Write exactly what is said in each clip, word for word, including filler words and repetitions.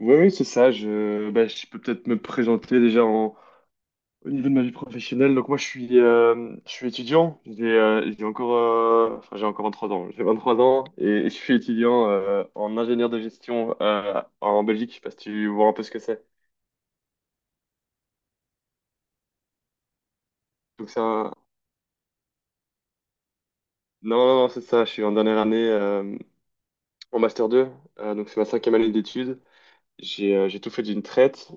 Oui, oui, c'est ça. Je, bah, je peux peut-être me présenter déjà en, au niveau de ma vie professionnelle. Donc moi, je suis, euh, je suis étudiant. J'ai euh, j'ai encore, euh, enfin, j'ai encore vingt-trois ans. J'ai vingt-trois ans et je suis étudiant euh, en ingénieur de gestion euh, en Belgique. Je sais pas si tu vois un peu ce que c'est. Donc c'est un- Non, non, non, c'est ça. Je suis en dernière année euh, en master deux. Euh, donc c'est ma cinquième année d'études. J'ai euh, j'ai tout fait d'une traite.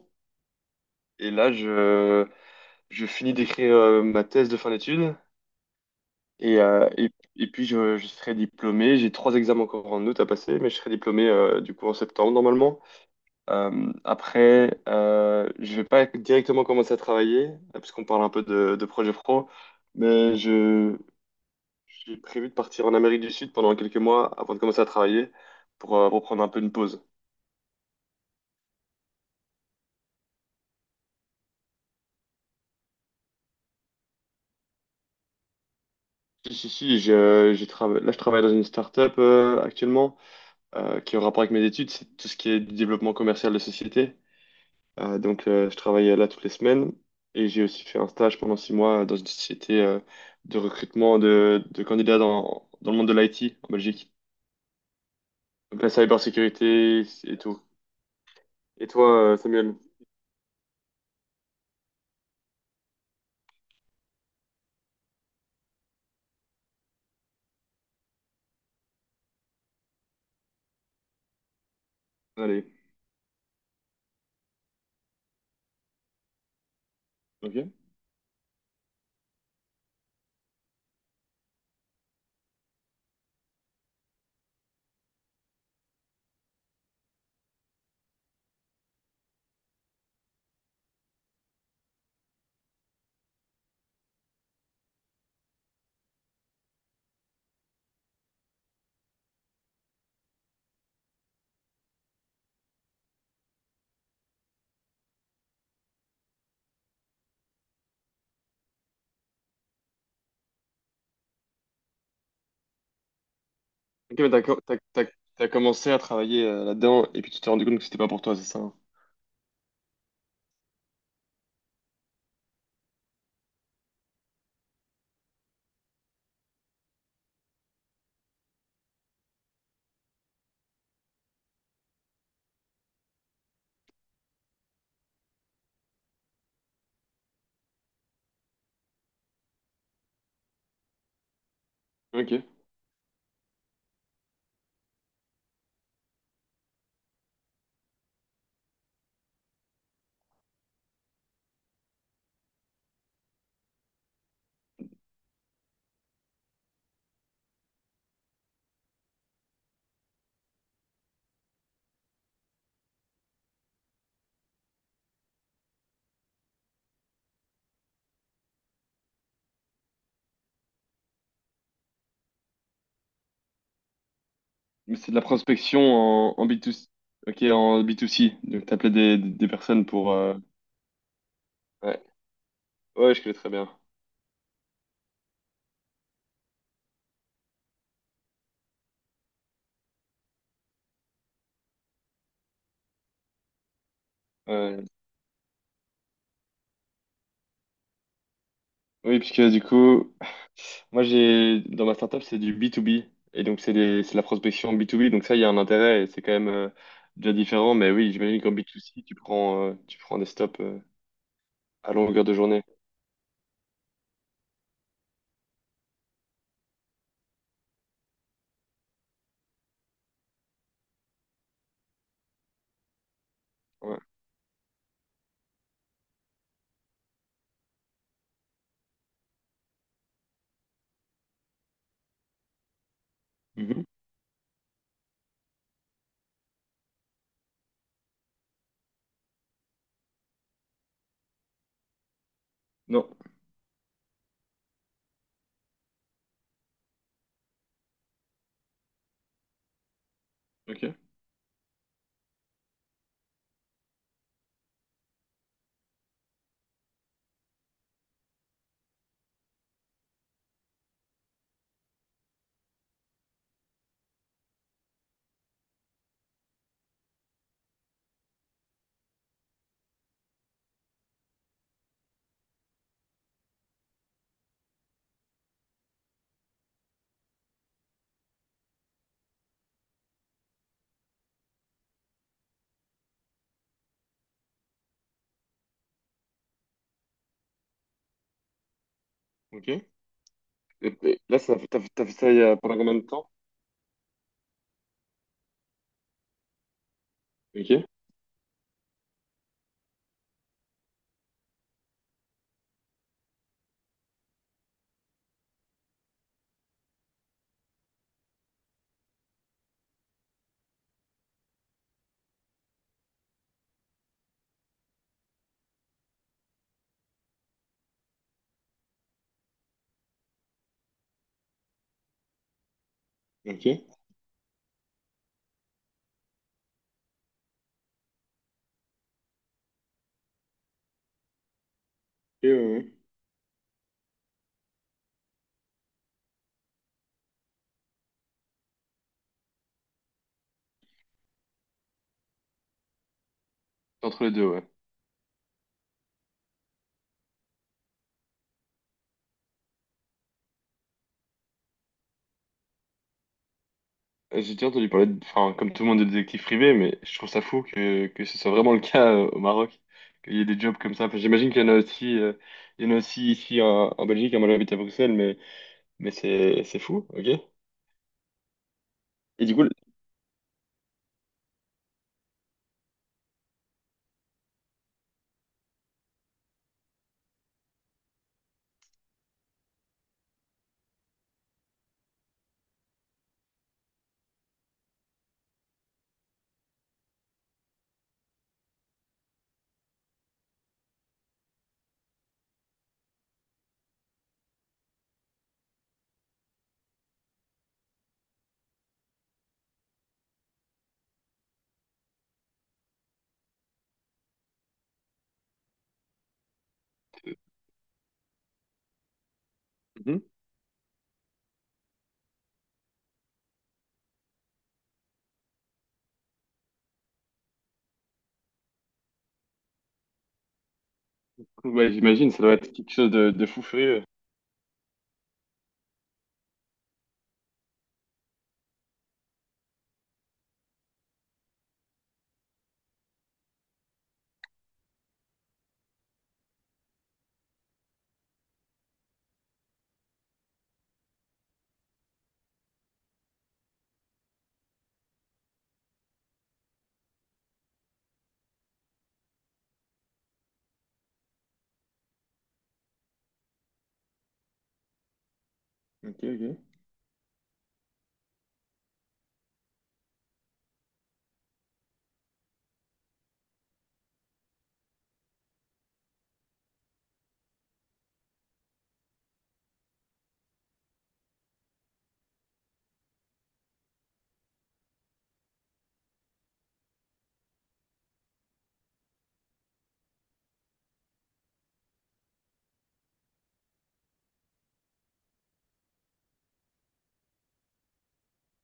Et là, je, je finis d'écrire euh, ma thèse de fin d'études. Et, euh, et, et puis je, je serai diplômé. J'ai trois examens encore en août à passer, mais je serai diplômé euh, du coup en septembre normalement. Euh, après, euh, je vais pas directement commencer à travailler, euh, puisqu'on parle un peu de, de projet pro, mais je, j'ai prévu de partir en Amérique du Sud pendant quelques mois avant de commencer à travailler pour, euh, pour prendre un peu une pause. Si, si, si, je, j'ai trava- là je travaille dans une start-up euh, actuellement euh, qui est en rapport avec mes études, c'est tout ce qui est du développement commercial de société. Euh, donc, euh, je travaillais là toutes les semaines et j'ai aussi fait un stage pendant six mois dans une société euh, de recrutement de, de candidats dans, dans le monde de l'I T en Belgique. Donc, la cybersécurité et tout. Et toi, euh, Samuel? Allez. Ok. Ok, mais t'as, co- t'as, t'as- t'as commencé à travailler euh, là-dedans et puis tu t'es rendu compte que c'était pas pour toi, c'est ça? Hein. Ok. Mais c'est de la prospection en, en B deux C. Ok, en B deux C. Donc, t'appelais des, des des personnes pour. euh, Ouais. Ouais, je connais très bien. Ouais. Oui, puisque du coup. Moi, j'ai dans ma startup, c'est du b to b. Et donc, c'est des- c'est de la prospection b to b. Donc, ça, il y a un intérêt et c'est quand même euh, déjà différent. Mais oui, j'imagine qu'en b to c tu prends, euh, tu prends des stops euh, à longueur de journée. Ouais. Mhm. Non. OK. OK. Et, et là, ça, t'as, t'as fait ça il y a pendant combien de temps? OK. OK. Et, ouais, ouais. Entre les deux, ouais. J'ai déjà entendu parler, de- enfin, comme tout le monde, de détectives privés, mais je trouve ça fou que, que ce soit vraiment le cas euh, au Maroc, qu'il y ait des jobs comme ça. Enfin, j'imagine qu'il y en a aussi, euh, il y en a aussi ici en, en Belgique, à moi j'habite à Bruxelles, mais, mais c'est, c'est fou, ok? Et du coup, le- Mhm. Ouais, j'imagine, ça doit être quelque chose de, de fou furieux. Ok, ok,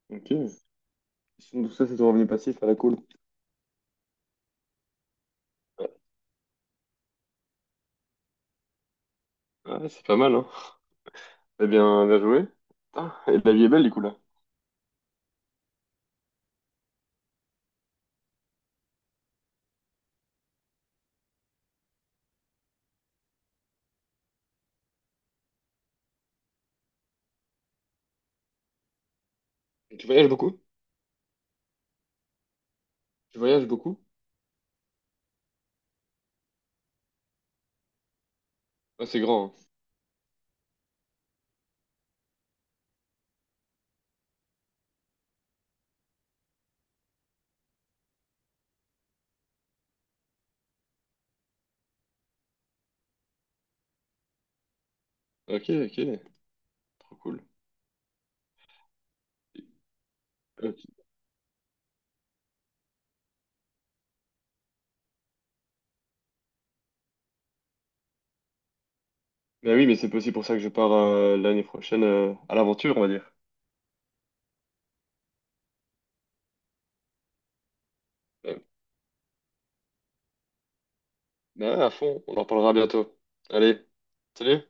ok. Donc ça, c'est ton revenu passif à la cool. Ouais, ouais, c'est pas mal, hein? Eh bien, bien joué. Putain, et la vie est belle, du coup, là. Tu voyages beaucoup? Tu voyages beaucoup? Ah, c'est grand, hein. Ok, ok, trop cool. Ben oui, mais c'est aussi pour ça que je pars euh, l'année prochaine euh, à l'aventure, on va dire. Ouais. Ben, à fond, on en parlera bientôt. Allez, salut!